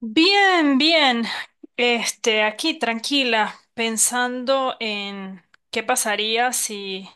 Bien, bien. Aquí tranquila, pensando en qué pasaría si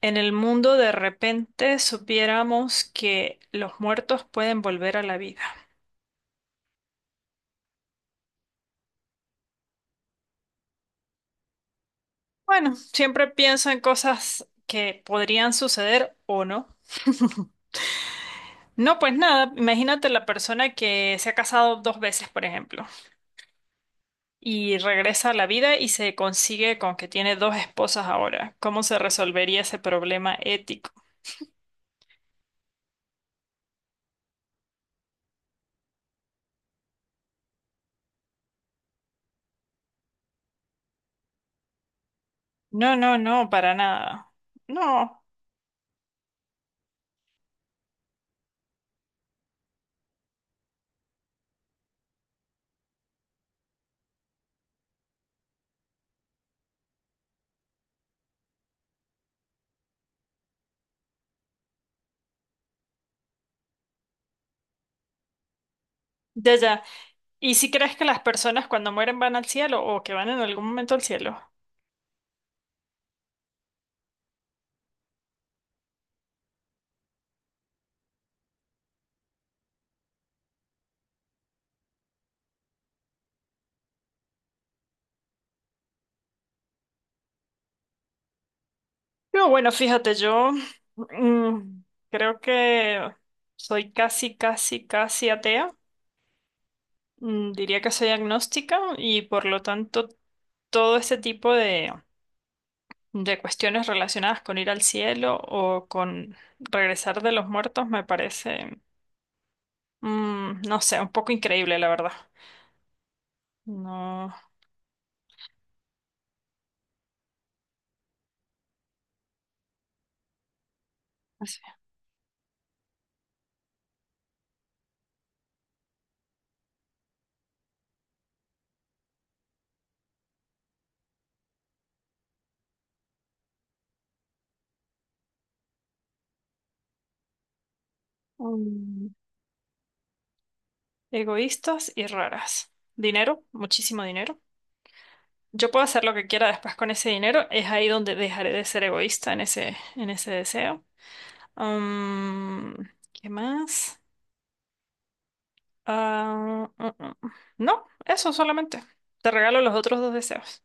en el mundo de repente supiéramos que los muertos pueden volver a la vida. Bueno, siempre pienso en cosas que podrían suceder o no. No, pues nada, imagínate la persona que se ha casado dos veces, por ejemplo, y regresa a la vida y se consigue con que tiene dos esposas ahora. ¿Cómo se resolvería ese problema ético? No, no, no, para nada. No, ya, ya. ¿Y si crees que las personas cuando mueren van al cielo o que van en algún momento al cielo? No, bueno, fíjate, yo mm, creo que soy casi, casi, casi atea. Diría que soy agnóstica y por lo tanto todo ese tipo de cuestiones relacionadas con ir al cielo o con regresar de los muertos me parece, no sé, un poco increíble, la verdad. No. Mm. Egoístas y raras. Dinero, muchísimo dinero. Yo puedo hacer lo que quiera después con ese dinero. Es ahí donde dejaré de ser egoísta en ese deseo. Mm, ¿Qué más? Ah, no, eso solamente. Te regalo los otros dos deseos.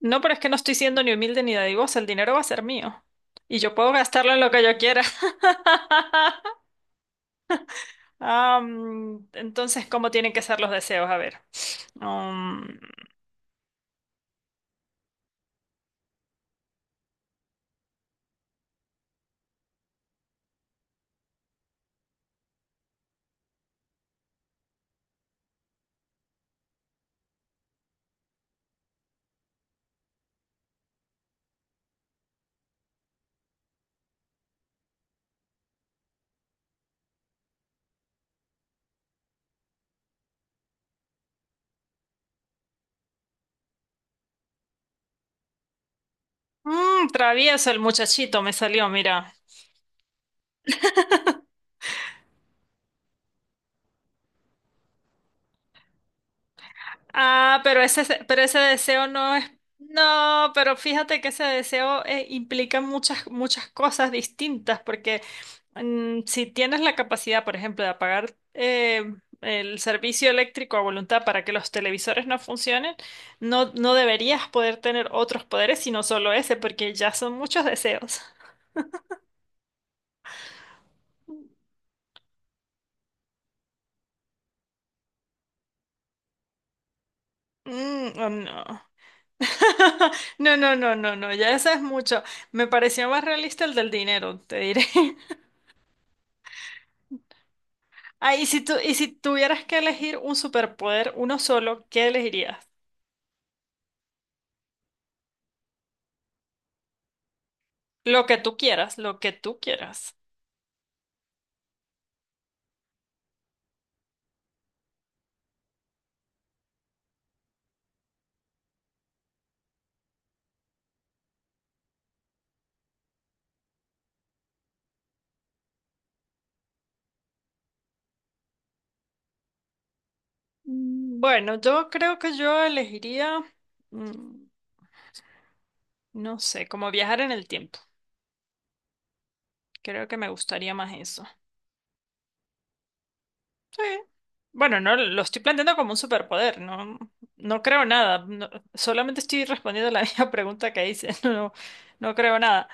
No, pero es que no estoy siendo ni humilde ni dadivosa. El dinero va a ser mío. Y yo puedo gastarlo en lo que yo quiera. Ah, entonces, ¿cómo tienen que ser los deseos? A ver. Um, Travieso el muchachito me salió, mira. Ah, pero ese deseo no es... No, pero fíjate que ese deseo implica muchas, muchas cosas distintas, porque si tienes la capacidad, por ejemplo, de apagar el servicio eléctrico a voluntad para que los televisores no funcionen, no, no deberías poder tener otros poderes, sino solo ese, porque ya son muchos deseos. O no. No, no, no, no, no, ya eso es mucho. Me pareció más realista el del dinero, te diré. Ah, y y si tuvieras que elegir un superpoder, uno solo, ¿qué elegirías? Lo que tú quieras, lo que tú quieras. Bueno, yo creo que yo elegiría, mm, no sé, como viajar en el tiempo. Creo que me gustaría más eso. Sí. Bueno, no lo estoy planteando como un superpoder, no, no creo nada. Solamente estoy respondiendo la misma pregunta que hice. No, no creo nada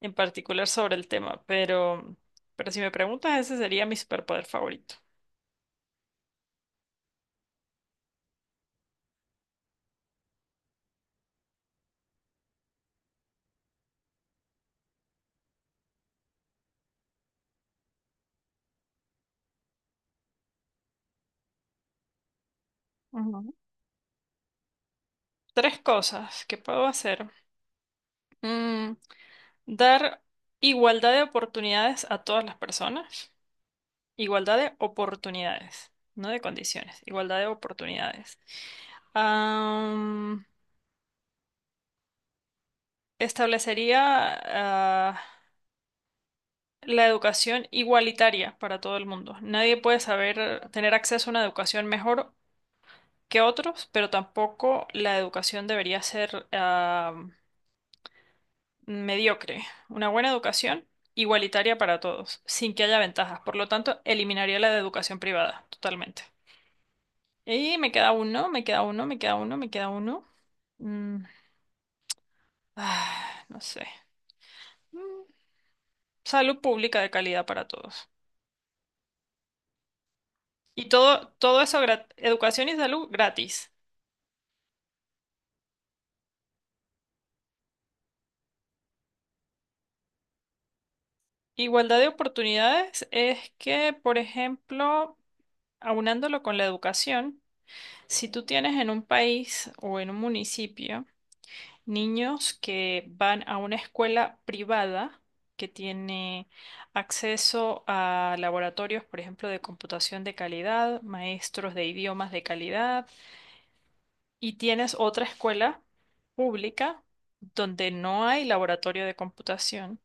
en particular sobre el tema, pero si me preguntas, ese sería mi superpoder favorito. Ujú. Tres cosas que puedo hacer. Mm, Dar igualdad de oportunidades a todas las personas. Igualdad de oportunidades, no de condiciones. Igualdad de oportunidades. Am, Establecería, ah, la educación igualitaria para todo el mundo. Nadie puede saber tener acceso a una educación mejor que otros, pero tampoco la educación debería ser mediocre. Una buena educación igualitaria para todos, sin que haya ventajas. Por lo tanto, eliminaría la de educación privada, totalmente. Y me queda uno, me queda uno, me queda uno, me queda uno. Mm, no sé. Mm, Salud pública de calidad para todos. Y todo, todo eso, educación y salud gratis. Igualdad de oportunidades es que, por ejemplo, aunándolo con la educación, si tú tienes en un país o en un municipio niños que van a una escuela privada que tiene acceso a laboratorios, por ejemplo, de computación de calidad, maestros de idiomas de calidad, y tienes otra escuela pública donde no hay laboratorio de computación,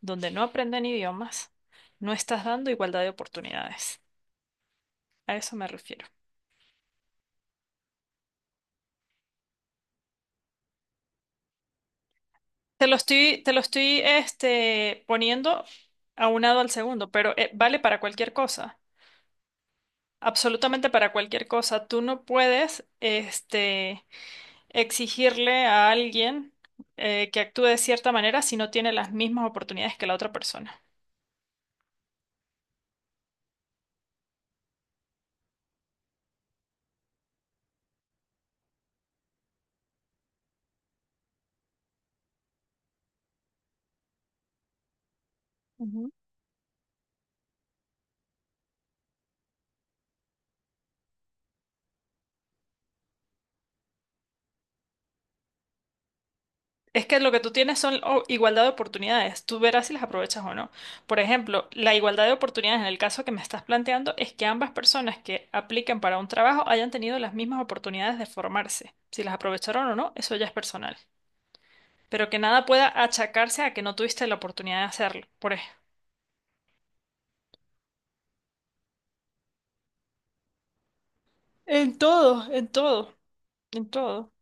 donde no aprenden idiomas, no estás dando igualdad de oportunidades. A eso me refiero. Te lo estoy poniendo aunado al segundo, pero vale para cualquier cosa, absolutamente para cualquier cosa. Tú no puedes exigirle a alguien que actúe de cierta manera si no tiene las mismas oportunidades que la otra persona. Ujú. Es que lo que tú tienes son igualdad de oportunidades. Tú verás si las aprovechas o no. Por ejemplo, la igualdad de oportunidades en el caso que me estás planteando es que ambas personas que apliquen para un trabajo hayan tenido las mismas oportunidades de formarse. Si las aprovecharon o no, eso ya es personal. Pero que nada pueda achacarse a que no tuviste la oportunidad de hacerlo. Por ejemplo. En todo, en todo, en todo.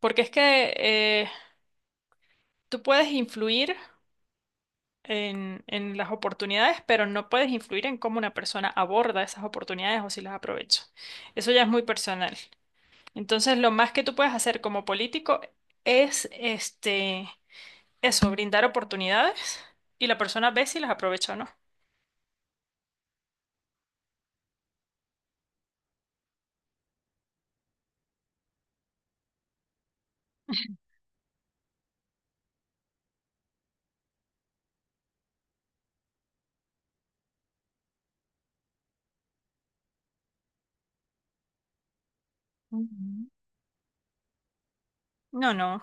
Porque es que tú puedes influir en las oportunidades, pero no puedes influir en cómo una persona aborda esas oportunidades o si las aprovecha. Eso ya es muy personal. Entonces, lo más que tú puedes hacer como político es eso, brindar oportunidades y la persona ve si las aprovecha o no. Ujú. No, no.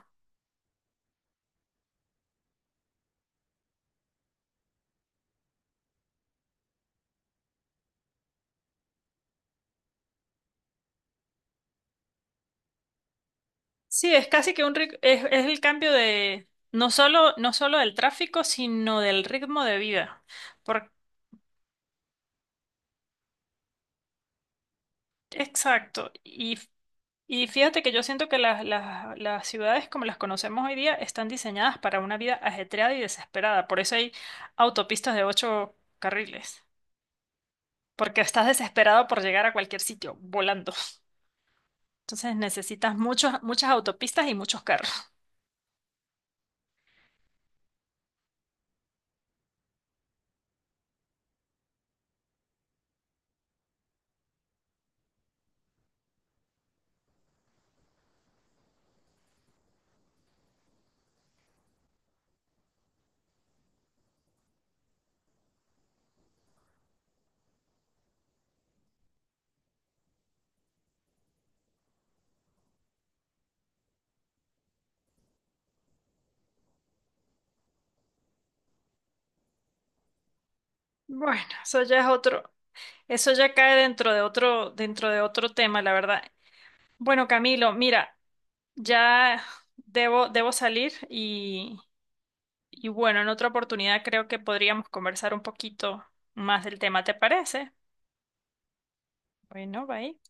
Sí, es casi que un es el cambio de no solo del tráfico, sino del ritmo de vida. Exacto. Y fíjate que yo siento que las ciudades como las conocemos hoy día están diseñadas para una vida ajetreada y desesperada. Por eso hay autopistas de ocho carriles. Porque estás desesperado por llegar a cualquier sitio, volando. Entonces necesitas muchas autopistas y muchos carros. Bueno, eso ya es otro, eso ya cae dentro de otro tema, la verdad. Bueno, Camilo, mira, ya debo salir. Y bueno, en otra oportunidad creo que podríamos conversar un poquito más del tema, ¿te parece? Bueno, bye.